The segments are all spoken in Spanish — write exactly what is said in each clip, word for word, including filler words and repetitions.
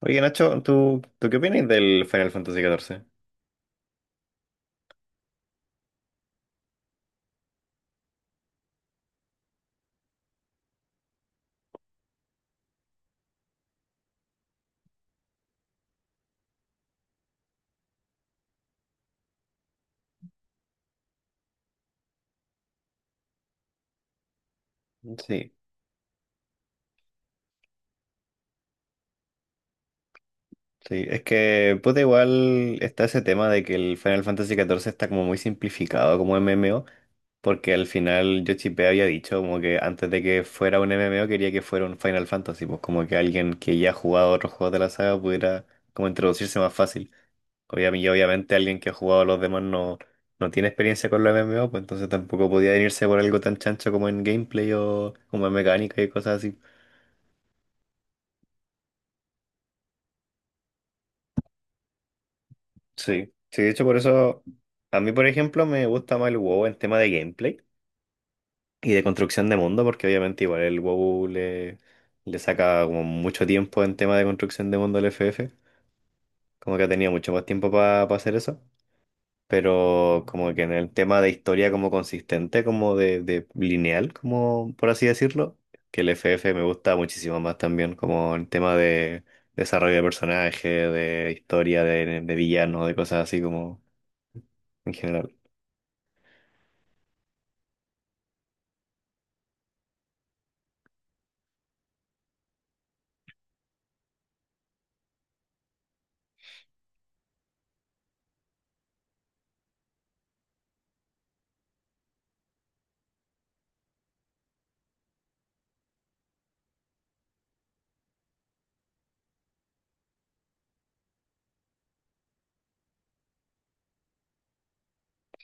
Oye, Nacho, ¿tú, tú qué opinas del Final Fantasy catorce? Sí, sí, es que puta igual está ese tema de que el Final Fantasy catorce está como muy simplificado como M M O, porque al final Yoshipé había dicho como que antes de que fuera un M M O quería que fuera un Final Fantasy, pues como que alguien que ya ha jugado otros juegos de la saga pudiera como introducirse más fácil. Obviamente, y obviamente alguien que ha jugado a los demás no, no tiene experiencia con los M M O, pues entonces tampoco podía venirse por algo tan chancho como en gameplay o como en mecánica y cosas así. Sí, sí, de hecho por eso a mí, por ejemplo, me gusta más el WoW en tema de gameplay y de construcción de mundo, porque obviamente igual el WoW le, le saca como mucho tiempo en tema de construcción de mundo al F F, como que ha tenido mucho más tiempo para hacer eso, pero como que en el tema de historia como consistente, como de, de lineal, como por así decirlo, que el F F me gusta muchísimo más también como en tema de desarrollo de personaje, de historia, de, de villano, de cosas así como en general.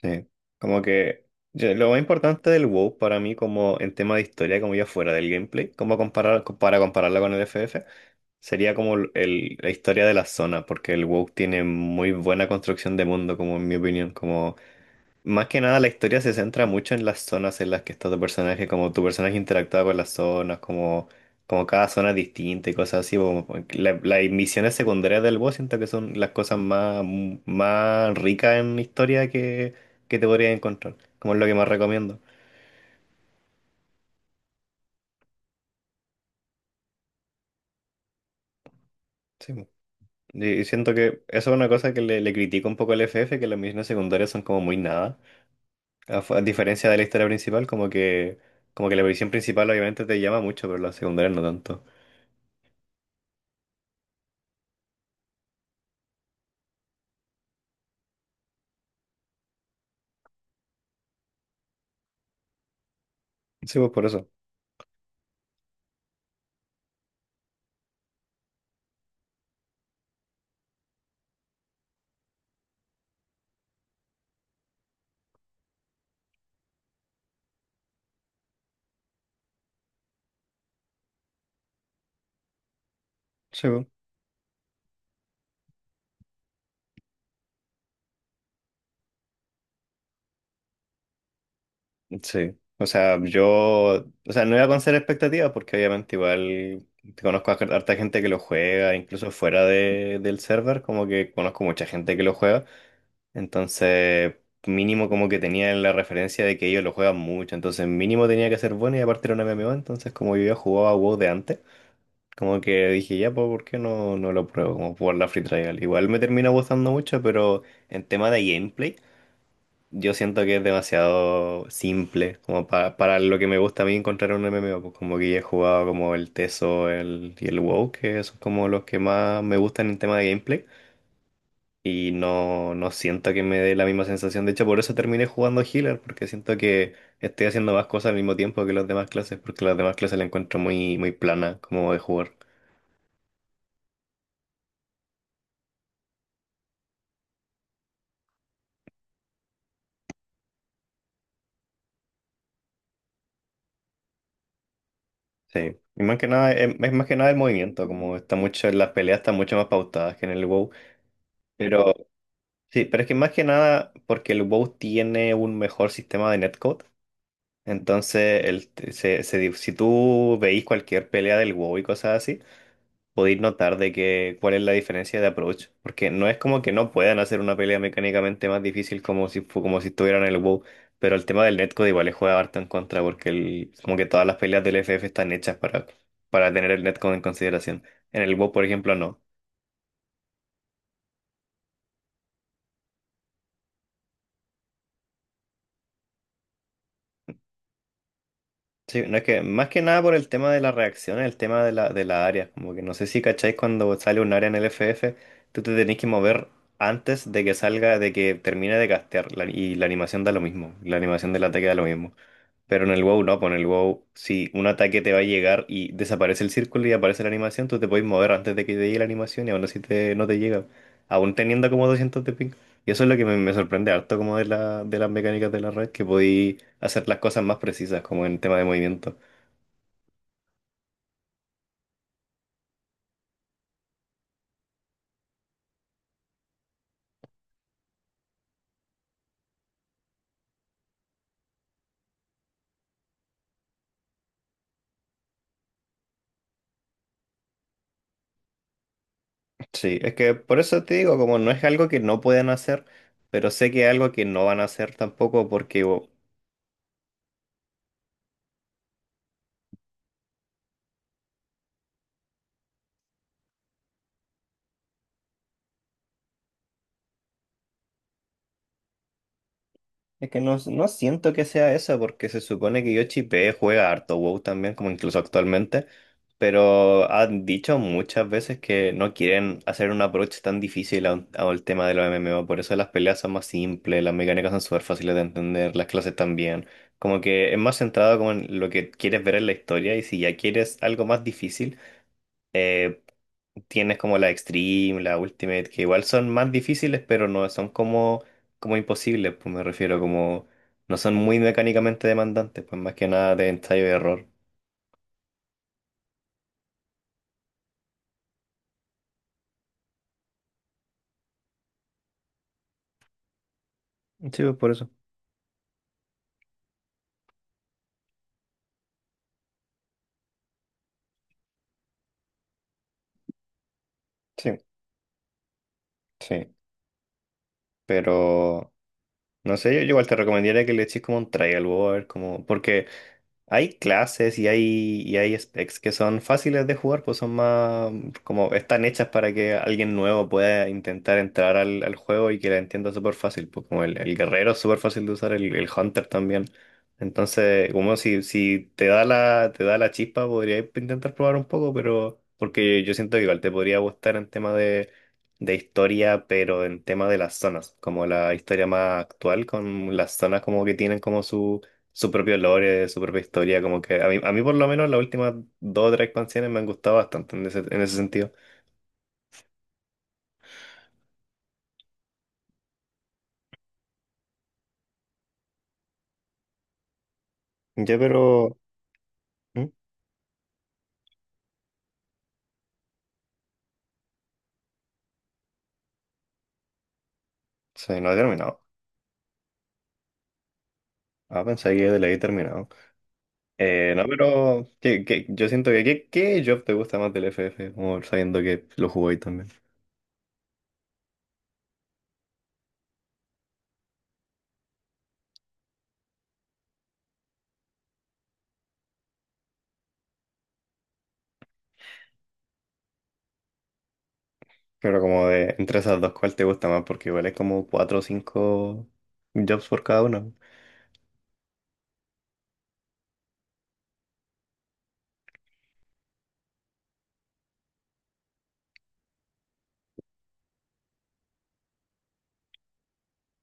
Sí, como que yo- lo más importante del WoW para mí como en tema de historia, como ya fuera del gameplay, como comparar, para compararla con el F F, sería como el- la historia de la zona, porque el WoW tiene muy buena construcción de mundo, como en mi opinión, como más que nada, la historia se centra mucho en las zonas en las que está tu personaje, como tu personaje interactúa con las zonas, como, como cada zona es distinta y cosas así. Como- la- las misiones secundarias del boss siento que son las cosas más, más ricas en historia que, que te podrías encontrar, como es lo que más recomiendo. Sí, po. Y siento que eso es una cosa que le, le critico un poco al F F, que las misiones secundarias son como muy nada, a, fu- a diferencia de la historia principal, como que, como que la misión principal obviamente te llama mucho, pero las secundarias no tanto. Sí, pues por eso. Sí, po. Sí, o sea, yo, o sea, no iba con cero expectativas porque obviamente igual conozco a harta gente que lo juega, incluso fuera de, del server, como que conozco mucha gente que lo juega, entonces mínimo como que tenía la referencia de que ellos lo juegan mucho, entonces mínimo tenía que ser bueno y aparte era un M M O, entonces como yo ya jugaba WoW de antes, como que dije ya, pues, ¿por qué no, no lo pruebo? Como jugar la Free Trial, igual me termina gustando mucho, pero en tema de gameplay. Yo siento que es demasiado simple, como para, para lo que me gusta a mí encontrar un M M O, pues como que ya he jugado como el Teso el, y el WoW, que son como los que más me gustan en tema de gameplay, y no, no siento que me dé la misma sensación, de hecho por eso terminé jugando Healer, porque siento que estoy haciendo más cosas al mismo tiempo que las demás clases, porque las demás clases la encuentro muy, muy plana como de jugar. Sí, y más que nada, es, es más que nada el movimiento, como está mucho, las peleas están mucho más pautadas que en el WoW. Pero Sí, pero es que más que nada porque el WoW tiene un mejor sistema de netcode. Entonces, el, se, se di- si tú veis cualquier pelea del WoW y cosas así, podéis notar de que cuál es la diferencia de approach. Porque no es como que no puedan hacer una pelea mecánicamente más difícil como si, fu- como si estuvieran en el WoW. Pero el tema del netcode igual le juega harto en contra porque el, como que todas las peleas del F F están hechas para, para tener el netcode en consideración. En el WoW, por ejemplo, no. Sí, no es que más que nada por el tema de las reacciones el tema de la, de la, área. Como que no sé si cacháis cuando sale un área en el F F, tú te tenés que mover antes de que salga, de que termine de castear. La- y la animación da lo mismo. La animación del ataque da lo mismo. Pero en el WoW no, pues en el WoW, si un ataque te va a llegar y desaparece el círculo y aparece la animación, tú te puedes mover antes de que te llegue la animación y aún así te, no te llega. Aún teniendo como doscientos de ping. Y eso es lo que me, me sorprende harto como de la, de las mecánicas de la red, que podéis hacer las cosas más precisas, como en tema de movimiento. Sí, es que por eso te digo, como no es algo que no pueden hacer, pero sé que es algo que no van a hacer tampoco porque. Es que no, no siento que sea eso porque se supone que Yoshi P juega harto WoW también, como incluso actualmente, pero han dicho muchas veces que no quieren hacer un approach tan difícil a un- al tema de los M M O, por eso las peleas son más simples, las mecánicas son súper fáciles de entender, las clases también, como que es más centrado como en lo que quieres ver en la historia y si ya quieres algo más difícil eh, tienes como la Extreme, la Ultimate, que igual son más difíciles, pero no son como, como imposibles, pues me refiero como no son muy mecánicamente demandantes, pues más que nada de ensayo y error. Sí, pues, por eso. Sí, sí, pero no sé, yo igual te recomendaría que le eches como un trial, a ver, como, porque hay clases y hay, y hay specs que son fáciles de jugar, pues son más mm, como están hechas para que alguien nuevo pueda intentar entrar al, al juego y que la entienda súper fácil, pues como el, el guerrero es súper fácil de usar, el, el hunter también. Entonces, como si, si te da la, te da la chispa, podría intentar probar un poco, pero porque yo siento que igual te podría gustar en tema de, de historia, pero en tema de las zonas, como la historia más actual, con las zonas como que tienen como su su propio lore, su propia historia, como que a mí, a mí por lo menos las últimas dos o tres expansiones me han gustado bastante en ese, en ese sentido. Ya, pero. ¿Mm? Sí, no he terminado. Ah, pensé que le había terminado. Eh, no, pero que, que, yo siento que, ¿qué, qué job te gusta más del F F? Como sabiendo que lo jugó ahí también. Pero como de entre esas dos, ¿cuál te gusta más? Porque igual es como cuatro o cinco jobs por cada uno.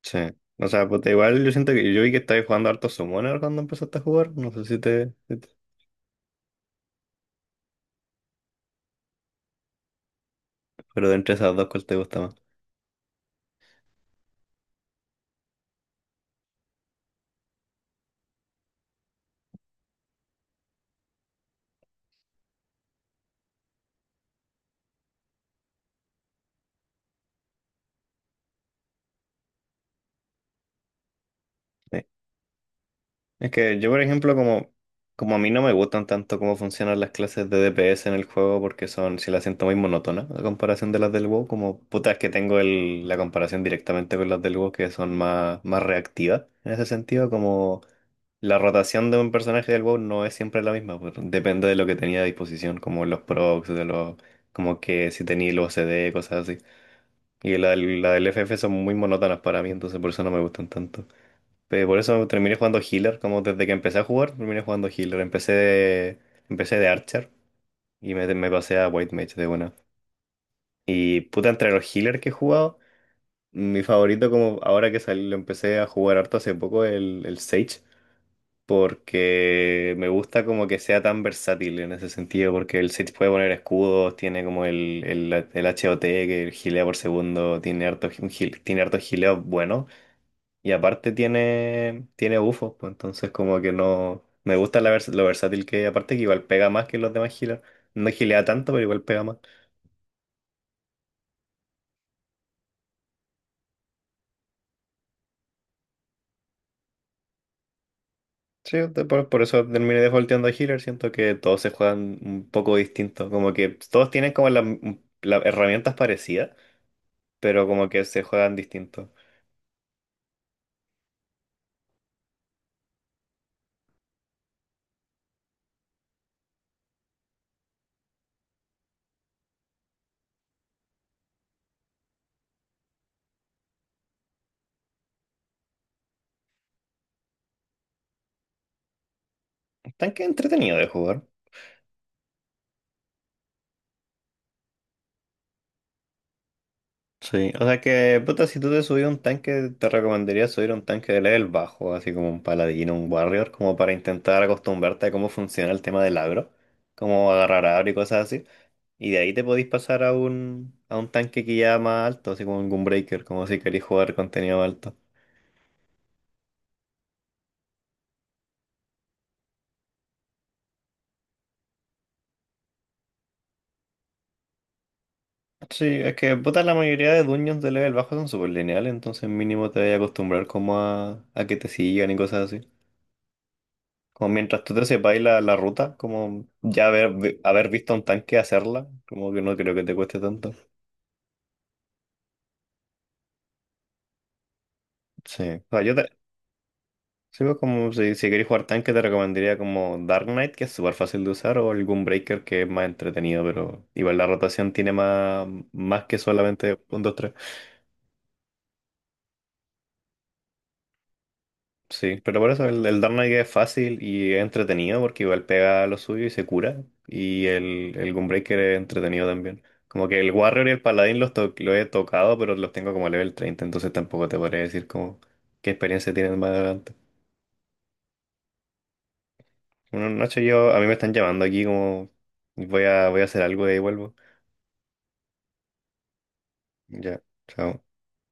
Sí. O sea, pues igual yo siento que yo vi que estabas jugando harto Summoner cuando empezaste a jugar. No sé si te, si te Pero de entre esas dos, ¿cuál te gusta más? Sí. Es que yo, por ejemplo, como, como a mí no me gustan tanto cómo funcionan las clases de D P S en el juego, porque son, si las siento muy monótonas, a comparación de las del WoW, como puta, es que tengo el- la comparación directamente con las del WoW, que son más, más reactivas. En ese sentido, como la rotación de un personaje del WoW no es siempre la misma, pues, depende de lo que tenía a disposición, como los procs, de los, como que si tenía los C D, cosas así. Y la, del- la del F F son muy monótonas para mí, entonces por eso no me gustan tanto. Pero por eso terminé jugando healer, como desde que empecé a jugar, terminé jugando healer. Empecé de, empecé de archer y me, me pasé a white mage de una. Y puta, entre los healers que he jugado, mi favorito como ahora que salí, lo empecé a jugar harto hace poco, el, el Sage, porque me gusta como que sea tan versátil en ese sentido, porque el Sage puede poner escudos, tiene como el, el, el HOT que gilea por segundo, tiene harto, un heal- tiene harto gileo y aparte tiene, tiene bufos, pues entonces como que no. Me gusta la vers- lo versátil que aparte que igual pega más que los demás healers. No gilea tanto, pero igual pega más. Sí, de- por, por eso terminé defaulteando a healer. Siento que todos se juegan un poco distinto. Como que todos tienen como las las herramientas parecidas, pero como que se juegan distinto. Tanque entretenido de jugar. Sí, o sea que, puta, si tú te subís a un tanque, te recomendaría subir a un tanque de level bajo, así como un paladino, un warrior, como para intentar acostumbrarte a cómo funciona el tema del agro, cómo agarrar agro y cosas así. Y de ahí te podís pasar a un, a un, tanque que ya más alto, así como un Gunbreaker, como si querés jugar contenido alto. Sí, es que, puta, la mayoría de dungeons de level bajo son súper lineales, entonces mínimo te vas a acostumbrar como a, a que te sigan y cosas así. Como mientras tú te sepas la, la ruta, como ya haber, vi- haber visto a un tanque hacerla, como que no creo que te cueste tanto. Sí. O sea, yo te, sí, pues, como si, si querés jugar tanque te recomendaría como Dark Knight, que es súper fácil de usar, o el Gunbreaker, que es más entretenido, pero igual la rotación tiene más, más que solamente un dos. Sí, pero por eso el, el Dark Knight es fácil y es entretenido porque igual pega lo suyo y se cura. Y el, el Gunbreaker es entretenido también. Como que el Warrior y el Paladín los, to- los he tocado, pero los tengo como level treinta, entonces tampoco te podría decir como qué experiencia tienen más adelante. Una noche yo, a mí me están llamando aquí como voy a, voy a hacer algo y ahí vuelvo. Ya, chao.